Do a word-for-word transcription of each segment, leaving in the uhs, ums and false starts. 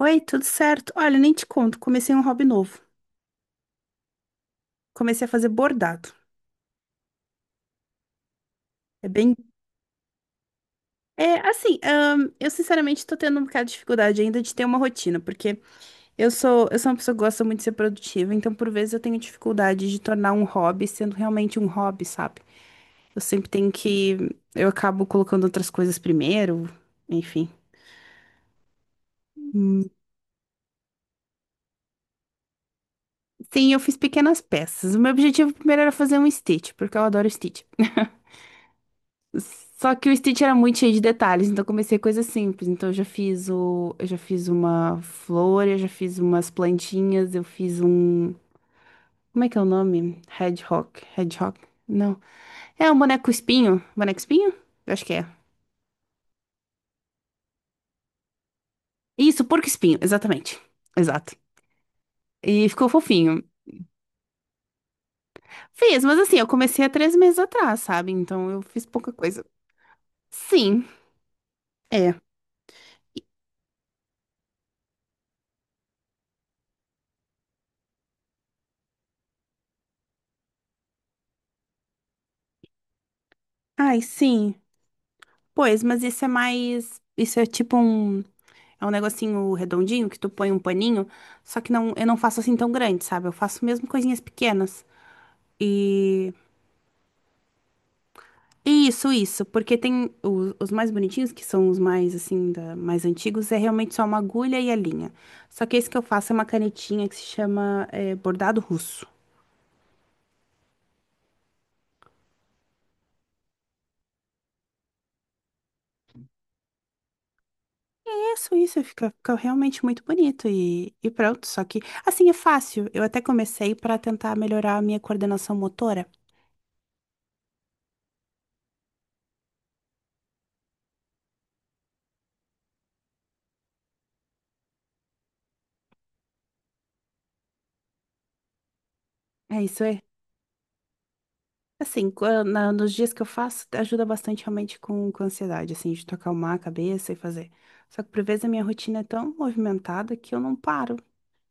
Oi, tudo certo? Olha, nem te conto, comecei um hobby novo. Comecei a fazer bordado. É bem. É assim, ahn, eu sinceramente tô tendo um bocado de dificuldade ainda de ter uma rotina, porque eu sou, eu sou uma pessoa que gosta muito de ser produtiva, então por vezes eu tenho dificuldade de tornar um hobby sendo realmente um hobby, sabe? Eu sempre tenho que. Eu acabo colocando outras coisas primeiro, enfim. Hum, Sim, eu fiz pequenas peças. O meu objetivo primeiro era fazer um Stitch, porque eu adoro Stitch. Só que o Stitch era muito cheio de detalhes, então eu comecei coisas simples. Então eu já fiz o, eu já fiz uma flor, eu já fiz umas plantinhas, eu fiz um, como é que é o nome? Hedgehog, Hedgehog? Não. É um boneco espinho, boneco espinho? Eu acho que é. Isso, porco espinho, exatamente. Exato. E ficou fofinho. Fiz, mas assim, eu comecei há três meses atrás, sabe? Então eu fiz pouca coisa. Sim, é. Ai, sim. Pois, mas isso é mais, isso é tipo um. É um negocinho redondinho que tu põe um paninho, só que não, eu não faço assim tão grande, sabe? Eu faço mesmo coisinhas pequenas. E e isso, isso, porque tem os, os mais bonitinhos, que são os mais assim, da- mais antigos, é realmente só uma agulha e a linha. Só que esse que eu faço é uma canetinha que se chama é, bordado russo. Isso, isso, fica, fica realmente muito bonito e, e pronto. Só que assim é fácil. Eu até comecei para tentar melhorar a minha coordenação motora. É isso, é. Assim, qua- na- nos dias que eu faço, ajuda bastante realmente com, com ansiedade, assim, de tu acalmar a cabeça e fazer. Só que por vezes a minha rotina é tão movimentada que eu não paro.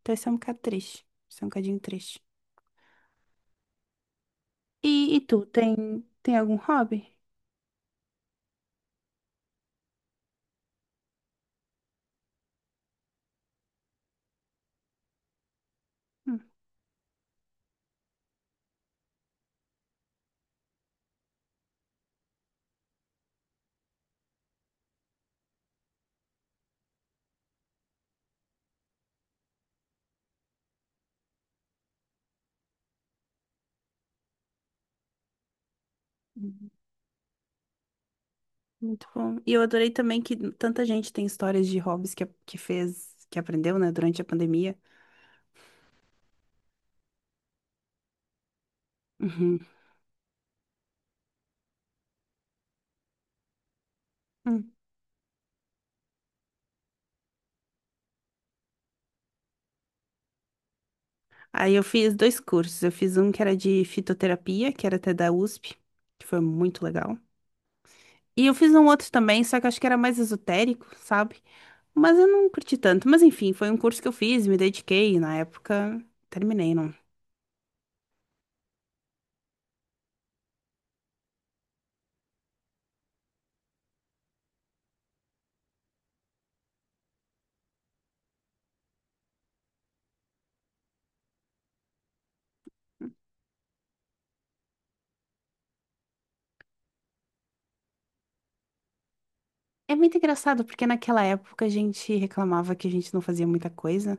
Então isso é um bocado triste. Isso é um bocadinho triste. E, e tu, tem, tem algum hobby? Hum. Uhum. Muito bom. E eu adorei também que tanta gente tem histórias de hobbies que, que fez, que aprendeu, né, durante a pandemia. Uhum. Hum. Aí eu fiz dois cursos. Eu fiz um que era de fitoterapia, que era até da USP, que foi muito legal. E eu fiz um outro também, só que eu acho que era mais esotérico, sabe? Mas eu não curti tanto. Mas enfim, foi um curso que eu fiz, me dediquei, e na época terminei, não. É muito engraçado, porque naquela época a gente reclamava que a gente não fazia muita coisa,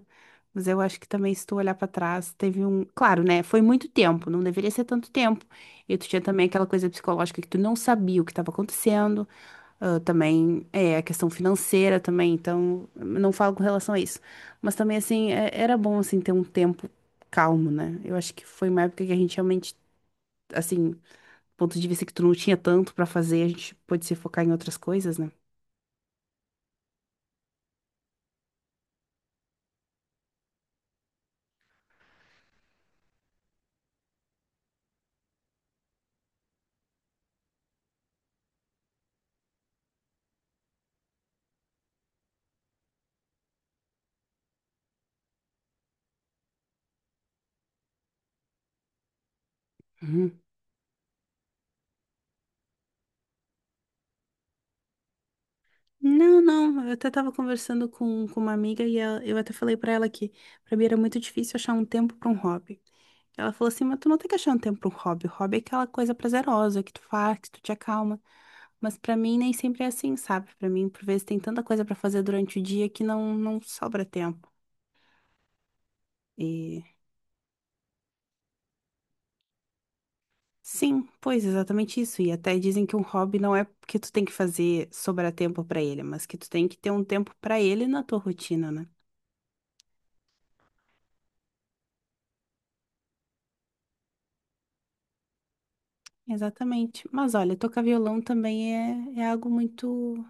mas eu acho que também, se tu olhar pra trás, teve um. Claro, né? Foi muito tempo, não deveria ser tanto tempo. E tu tinha também aquela coisa psicológica que tu não sabia o que estava acontecendo, ah, também é a questão financeira também, então não falo com relação a isso. Mas também, assim, é- era bom, assim, ter um tempo calmo, né? Eu acho que foi uma época que a gente realmente, assim, do ponto de vista que tu não tinha tanto pra fazer, a gente pôde se focar em outras coisas, né? Uhum. Não, não, eu até tava conversando com, com uma amiga e ela- eu até falei pra ela que pra mim era muito difícil achar um tempo pra um hobby. Ela falou assim, mas tu não tem que achar um tempo pra um hobby. O hobby é aquela coisa prazerosa que tu faz, que tu te acalma. Mas pra mim nem sempre é assim, sabe? Pra mim, por vezes tem tanta coisa pra fazer durante o dia que não, não sobra tempo. E sim, pois exatamente isso. E até dizem que um hobby não é que tu tem que fazer sobrar tempo pra ele, mas que tu tem que ter um tempo pra ele na tua rotina, né? Exatamente. Mas olha, tocar violão também é, é algo muito,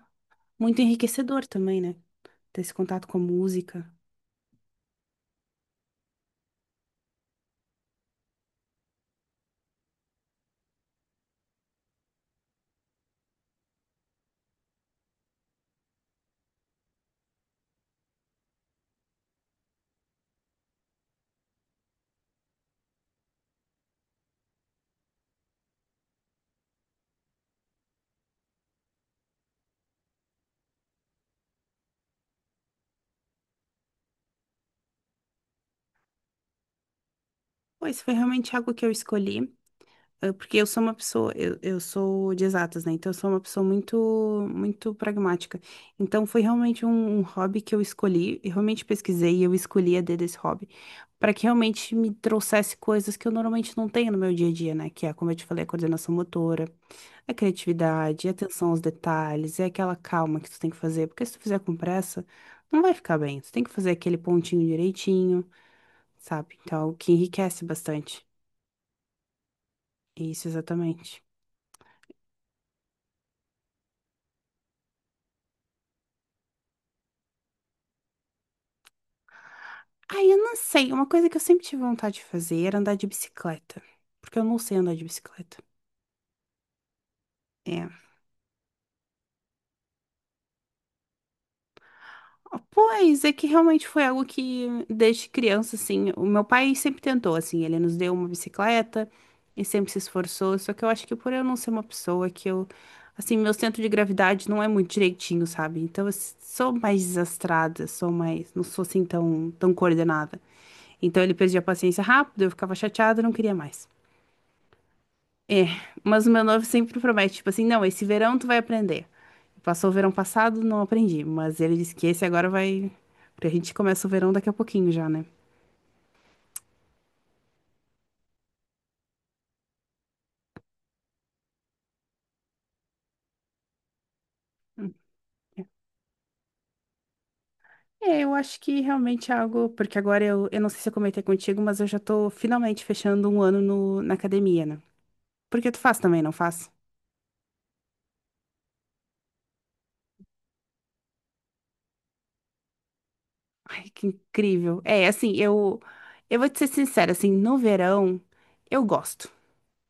muito enriquecedor também, né? Ter esse contato com a música. Pois foi realmente algo que eu escolhi, eh, porque eu sou uma pessoa, eu, eu sou de exatas, né? Então eu sou uma pessoa muito, muito pragmática. Então foi realmente um, um hobby que eu escolhi, eu realmente pesquisei e eu escolhi a dedo esse hobby, para que realmente me trouxesse coisas que eu normalmente não tenho no meu dia a dia, né? Que é, como eu te falei, a coordenação motora. É criatividade, é atenção aos detalhes, é aquela calma que tu tem que fazer, porque se tu fizer com pressa, não vai ficar bem. Tu tem que fazer aquele pontinho direitinho, sabe? Então, é o que enriquece bastante. Isso, exatamente. Ah, eu não sei. Uma coisa que eu sempre tive vontade de fazer era andar de bicicleta, porque eu não sei andar de bicicleta. É. Pois é que realmente foi algo que desde criança assim, o meu pai sempre tentou assim, ele nos deu uma bicicleta e sempre se esforçou, só que eu acho que por eu não ser uma pessoa que eu assim, meu centro de gravidade não é muito direitinho, sabe? Então eu s- sou mais desastrada, sou mais, não sou assim tão tão coordenada. Então ele perdia a paciência rápido, eu ficava chateada, não queria mais. Mas o meu noivo sempre promete, tipo assim, não, esse verão tu vai aprender. Passou o verão passado, não aprendi, mas ele disse que esse agora vai. Porque a gente começa o verão daqui a pouquinho já, né? É, eu acho que realmente é algo. Porque agora eu, eu não sei se eu comentei contigo, mas eu já tô finalmente fechando um ano no, na academia, né? Porque tu faz também, não faz? Ai, que incrível. É, assim, eu. Eu vou te ser sincera, assim, no verão, eu gosto.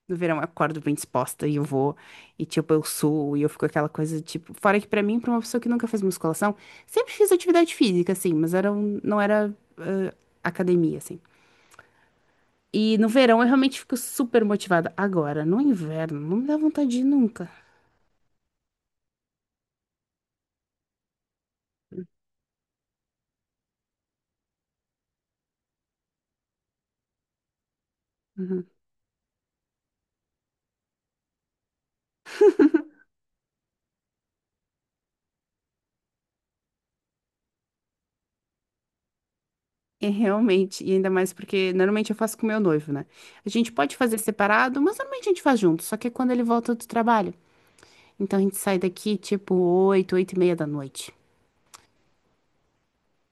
No verão eu acordo bem disposta e eu vou, e tipo, eu suo, e eu fico aquela coisa, tipo, fora que pra mim, pra uma pessoa que nunca fez musculação, sempre fiz atividade física, assim, mas era um, não era ah, academia, assim. E no verão eu realmente fico super motivada. Agora, no inverno, não me dá vontade de ir nunca. Uhum. É realmente, e ainda mais porque normalmente eu faço com meu noivo, né? A gente pode fazer separado, mas normalmente a gente faz junto, só que é quando ele volta do trabalho. Então a gente sai daqui tipo oito, oito e meia da noite.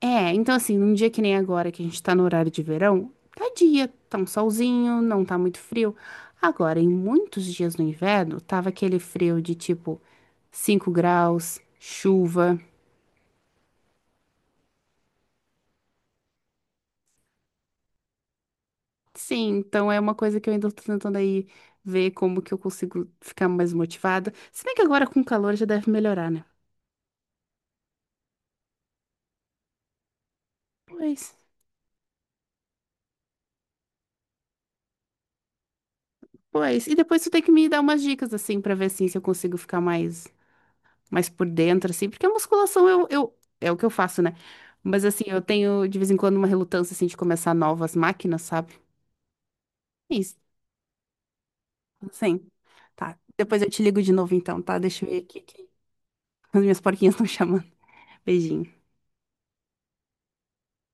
É, então assim, num dia que nem agora, que a gente tá no horário de verão, tá dia, tá um solzinho, não tá muito frio. Agora, em muitos dias no inverno, tava aquele frio de tipo cinco graus, chuva. Sim, então é uma coisa que eu ainda tô tentando aí ver como que eu consigo ficar mais motivada. Se bem que agora com o calor já deve melhorar, né? Pois, pois. E depois tu tem que me dar umas dicas assim pra ver assim se eu consigo ficar mais mas por dentro, assim, porque a musculação eu, eu, é o que eu faço, né? Mas assim, eu tenho de vez em quando uma relutância, assim, de começar novas máquinas, sabe? É isso. Sim. Tá. Depois eu te ligo de novo então, tá? Deixa eu ver aqui que as minhas porquinhas estão chamando. Beijinho.